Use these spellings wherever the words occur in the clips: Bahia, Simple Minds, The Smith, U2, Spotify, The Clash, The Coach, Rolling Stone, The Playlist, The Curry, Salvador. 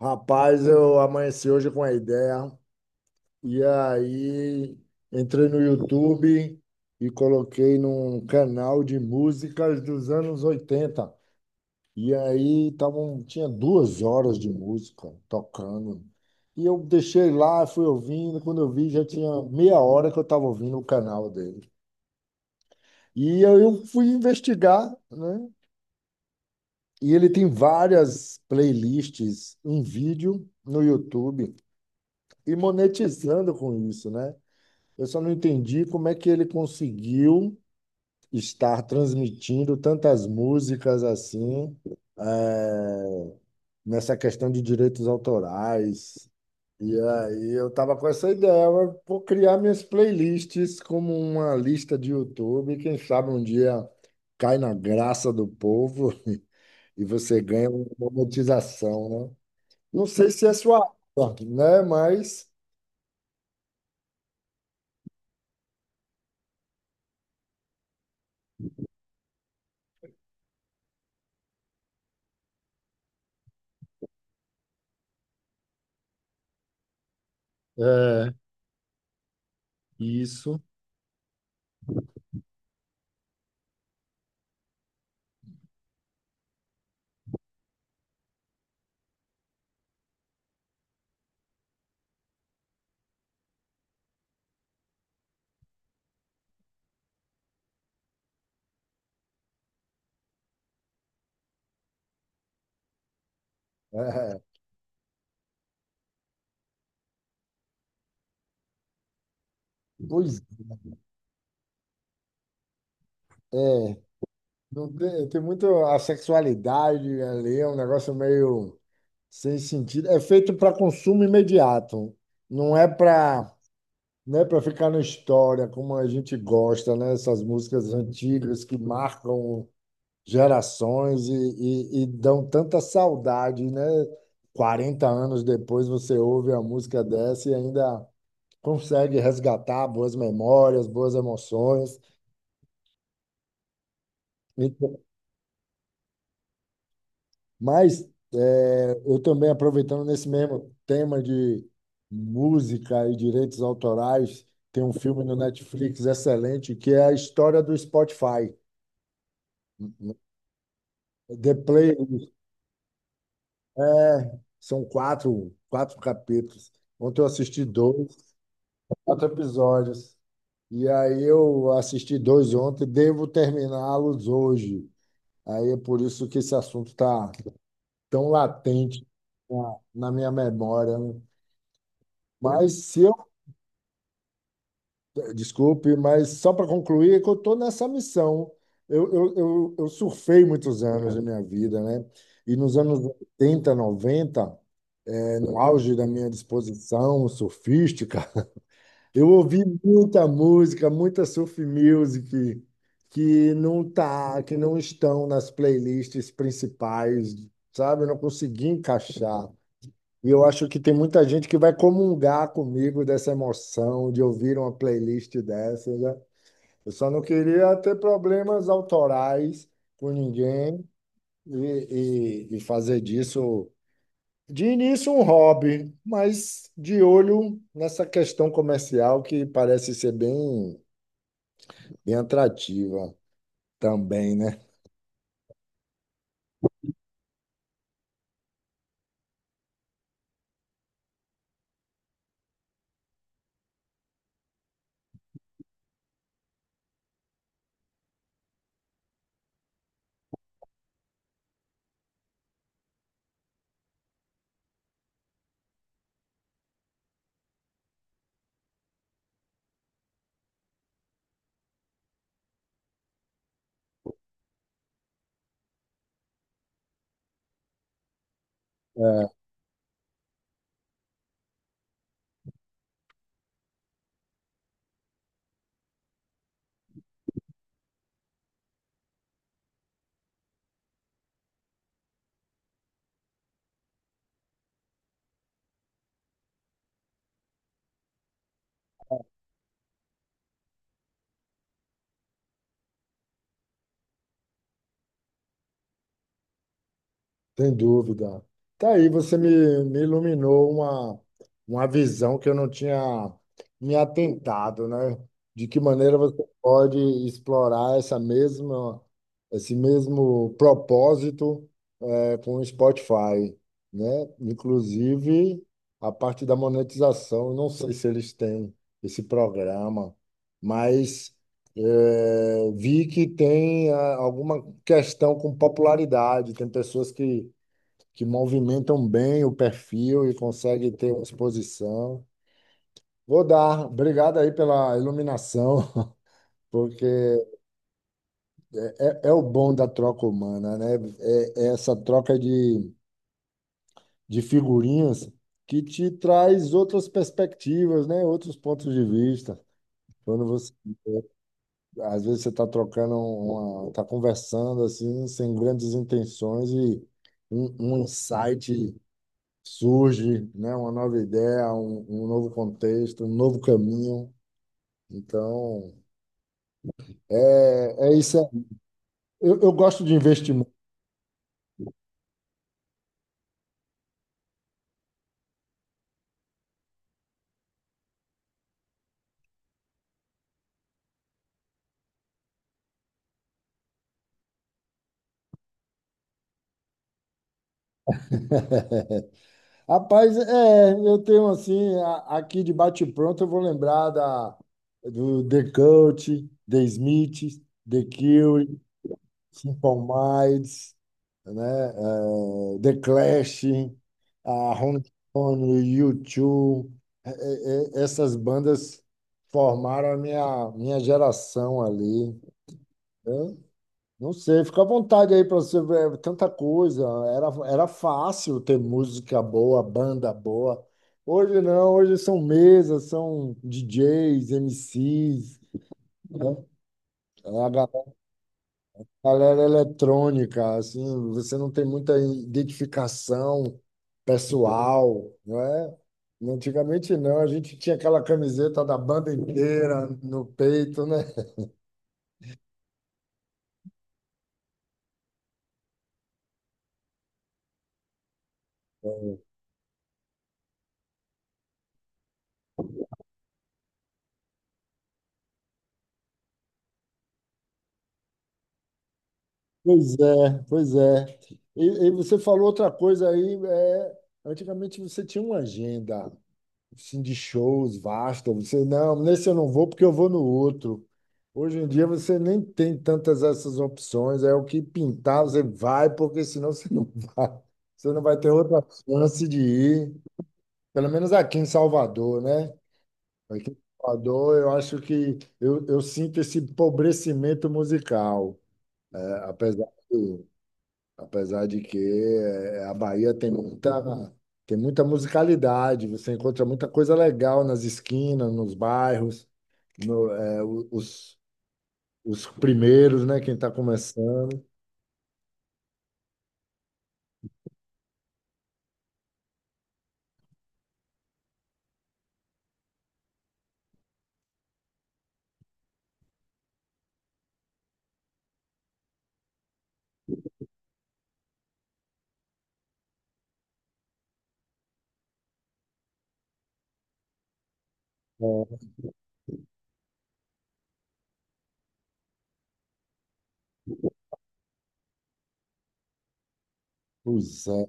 Rapaz, eu amanheci hoje com a ideia e aí entrei no YouTube e coloquei num canal de músicas dos anos oitenta. E aí tinha 2 horas de música tocando. E eu deixei lá, fui ouvindo. Quando eu vi, já tinha meia hora que eu estava ouvindo o canal dele. E aí eu fui investigar, né? E ele tem várias playlists em vídeo no YouTube. E monetizando com isso, né? Eu só não entendi como é que ele conseguiu estar transmitindo tantas músicas assim, eh, nessa questão de direitos autorais. E aí eu estava com essa ideia, eu vou criar minhas playlists como uma lista de YouTube, quem sabe um dia cai na graça do povo e você ganha uma monetização, né? Não sei se é sua, área, né? Mas é isso. É, pois é, não tem, tem muito a sexualidade ali, é um negócio meio sem sentido. É feito para consumo imediato, não é para não é para ficar na história como a gente gosta, né? Essas músicas antigas que marcam gerações e dão tanta saudade, né? 40 anos depois você ouve a música dessa e ainda consegue resgatar boas memórias, boas emoções. Então, mas eu também, aproveitando nesse mesmo tema de música e direitos autorais, tem um filme no Netflix excelente que é a história do Spotify. The Playlist. É, são quatro capítulos. Ontem eu assisti dois, quatro episódios. E aí eu assisti dois ontem, devo terminá-los hoje. Aí é por isso que esse assunto está tão latente na minha memória, né? Mas se eu Desculpe, mas só para concluir, é que eu estou nessa missão. Eu surfei muitos anos da minha vida, né? E nos anos 80, 90, no auge da minha disposição surfística, eu ouvi muita música, muita surf music, que não estão nas playlists principais, sabe? Eu não consegui encaixar. E eu acho que tem muita gente que vai comungar comigo dessa emoção de ouvir uma playlist dessa. Eu só não queria ter problemas autorais com ninguém e, e fazer disso, de início, um hobby, mas de olho nessa questão comercial que parece ser bem, bem atrativa também, né? É. Sem dúvida. Tá aí, você me iluminou uma visão que eu não tinha me atentado, né? De que maneira você pode explorar esse mesmo propósito com o Spotify, né? Inclusive a parte da monetização. Eu não sei se eles têm esse programa, mas vi que tem alguma questão com popularidade. Tem pessoas que movimentam bem o perfil e conseguem ter uma exposição. Vou dar. Obrigado aí pela iluminação, porque é o bom da troca humana, né? É essa troca de figurinhas que te traz outras perspectivas, né? Outros pontos de vista. Quando você Às vezes você está está conversando assim, sem grandes intenções, e um insight surge, né, uma nova ideia, um novo contexto, um novo caminho. Então, é isso aí. Eu gosto de investimento. Rapaz, eu tenho assim, aqui de bate-pronto, eu vou lembrar do The Coach, The Smith, The Curry, Simple Minds, né? The Clash, a Rolling Stone, U2, essas bandas formaram a minha geração ali, né? Não sei, fica à vontade aí para você ver é tanta coisa. Era fácil ter música boa, banda boa. Hoje não, hoje são mesas, são DJs, MCs, né? É a galera eletrônica, assim, você não tem muita identificação pessoal, não é? Antigamente não, a gente tinha aquela camiseta da banda inteira no peito, né? Pois é, pois é. E você falou outra coisa aí, antigamente você tinha uma agenda, assim, de shows vasta. Você, não, nesse eu não vou porque eu vou no outro. Hoje em dia você nem tem tantas essas opções, é o que pintar, você vai, porque senão você não vai. Você não vai ter outra chance de ir, pelo menos aqui em Salvador, né? Aqui em Salvador, eu acho que eu sinto esse empobrecimento musical, é, apesar de Apesar de que a Bahia tem muita musicalidade, você encontra muita coisa legal nas esquinas, nos bairros, no, eh, o- os primeiros, né? Quem está começando. Pois é.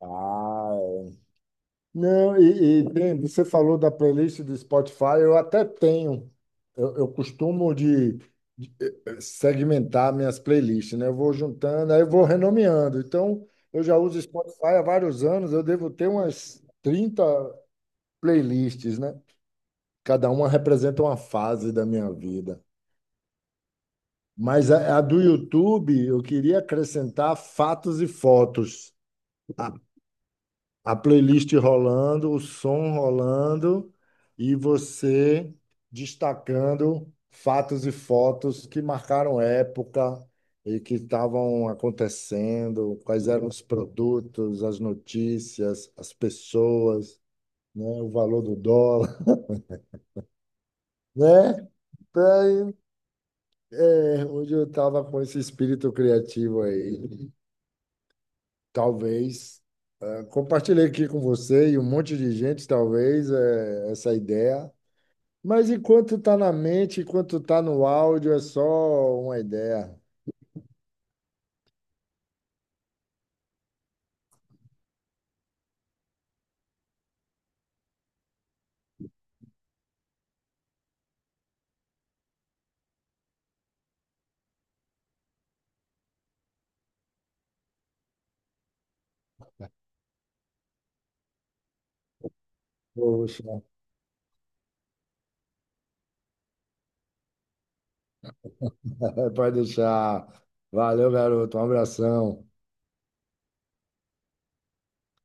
Ah, não, você falou da playlist do Spotify, eu até tenho. Eu costumo segmentar minhas playlists, né? Eu vou juntando, aí eu vou renomeando. Então, eu já uso Spotify há vários anos, eu devo ter umas 30 playlists, né? Cada uma representa uma fase da minha vida. Mas a do YouTube, eu queria acrescentar fatos e fotos. A playlist rolando, o som rolando e você destacando fatos e fotos que marcaram época e que estavam acontecendo, quais eram os produtos, as notícias, as pessoas, né, o valor do dólar, né? Então, é onde eu estava com esse espírito criativo aí. Talvez compartilhei aqui com você e um monte de gente, talvez, essa ideia. Mas enquanto tá na mente, enquanto tá no áudio, é só uma ideia. Poxa, pode deixar. Valeu, garoto. Um abração.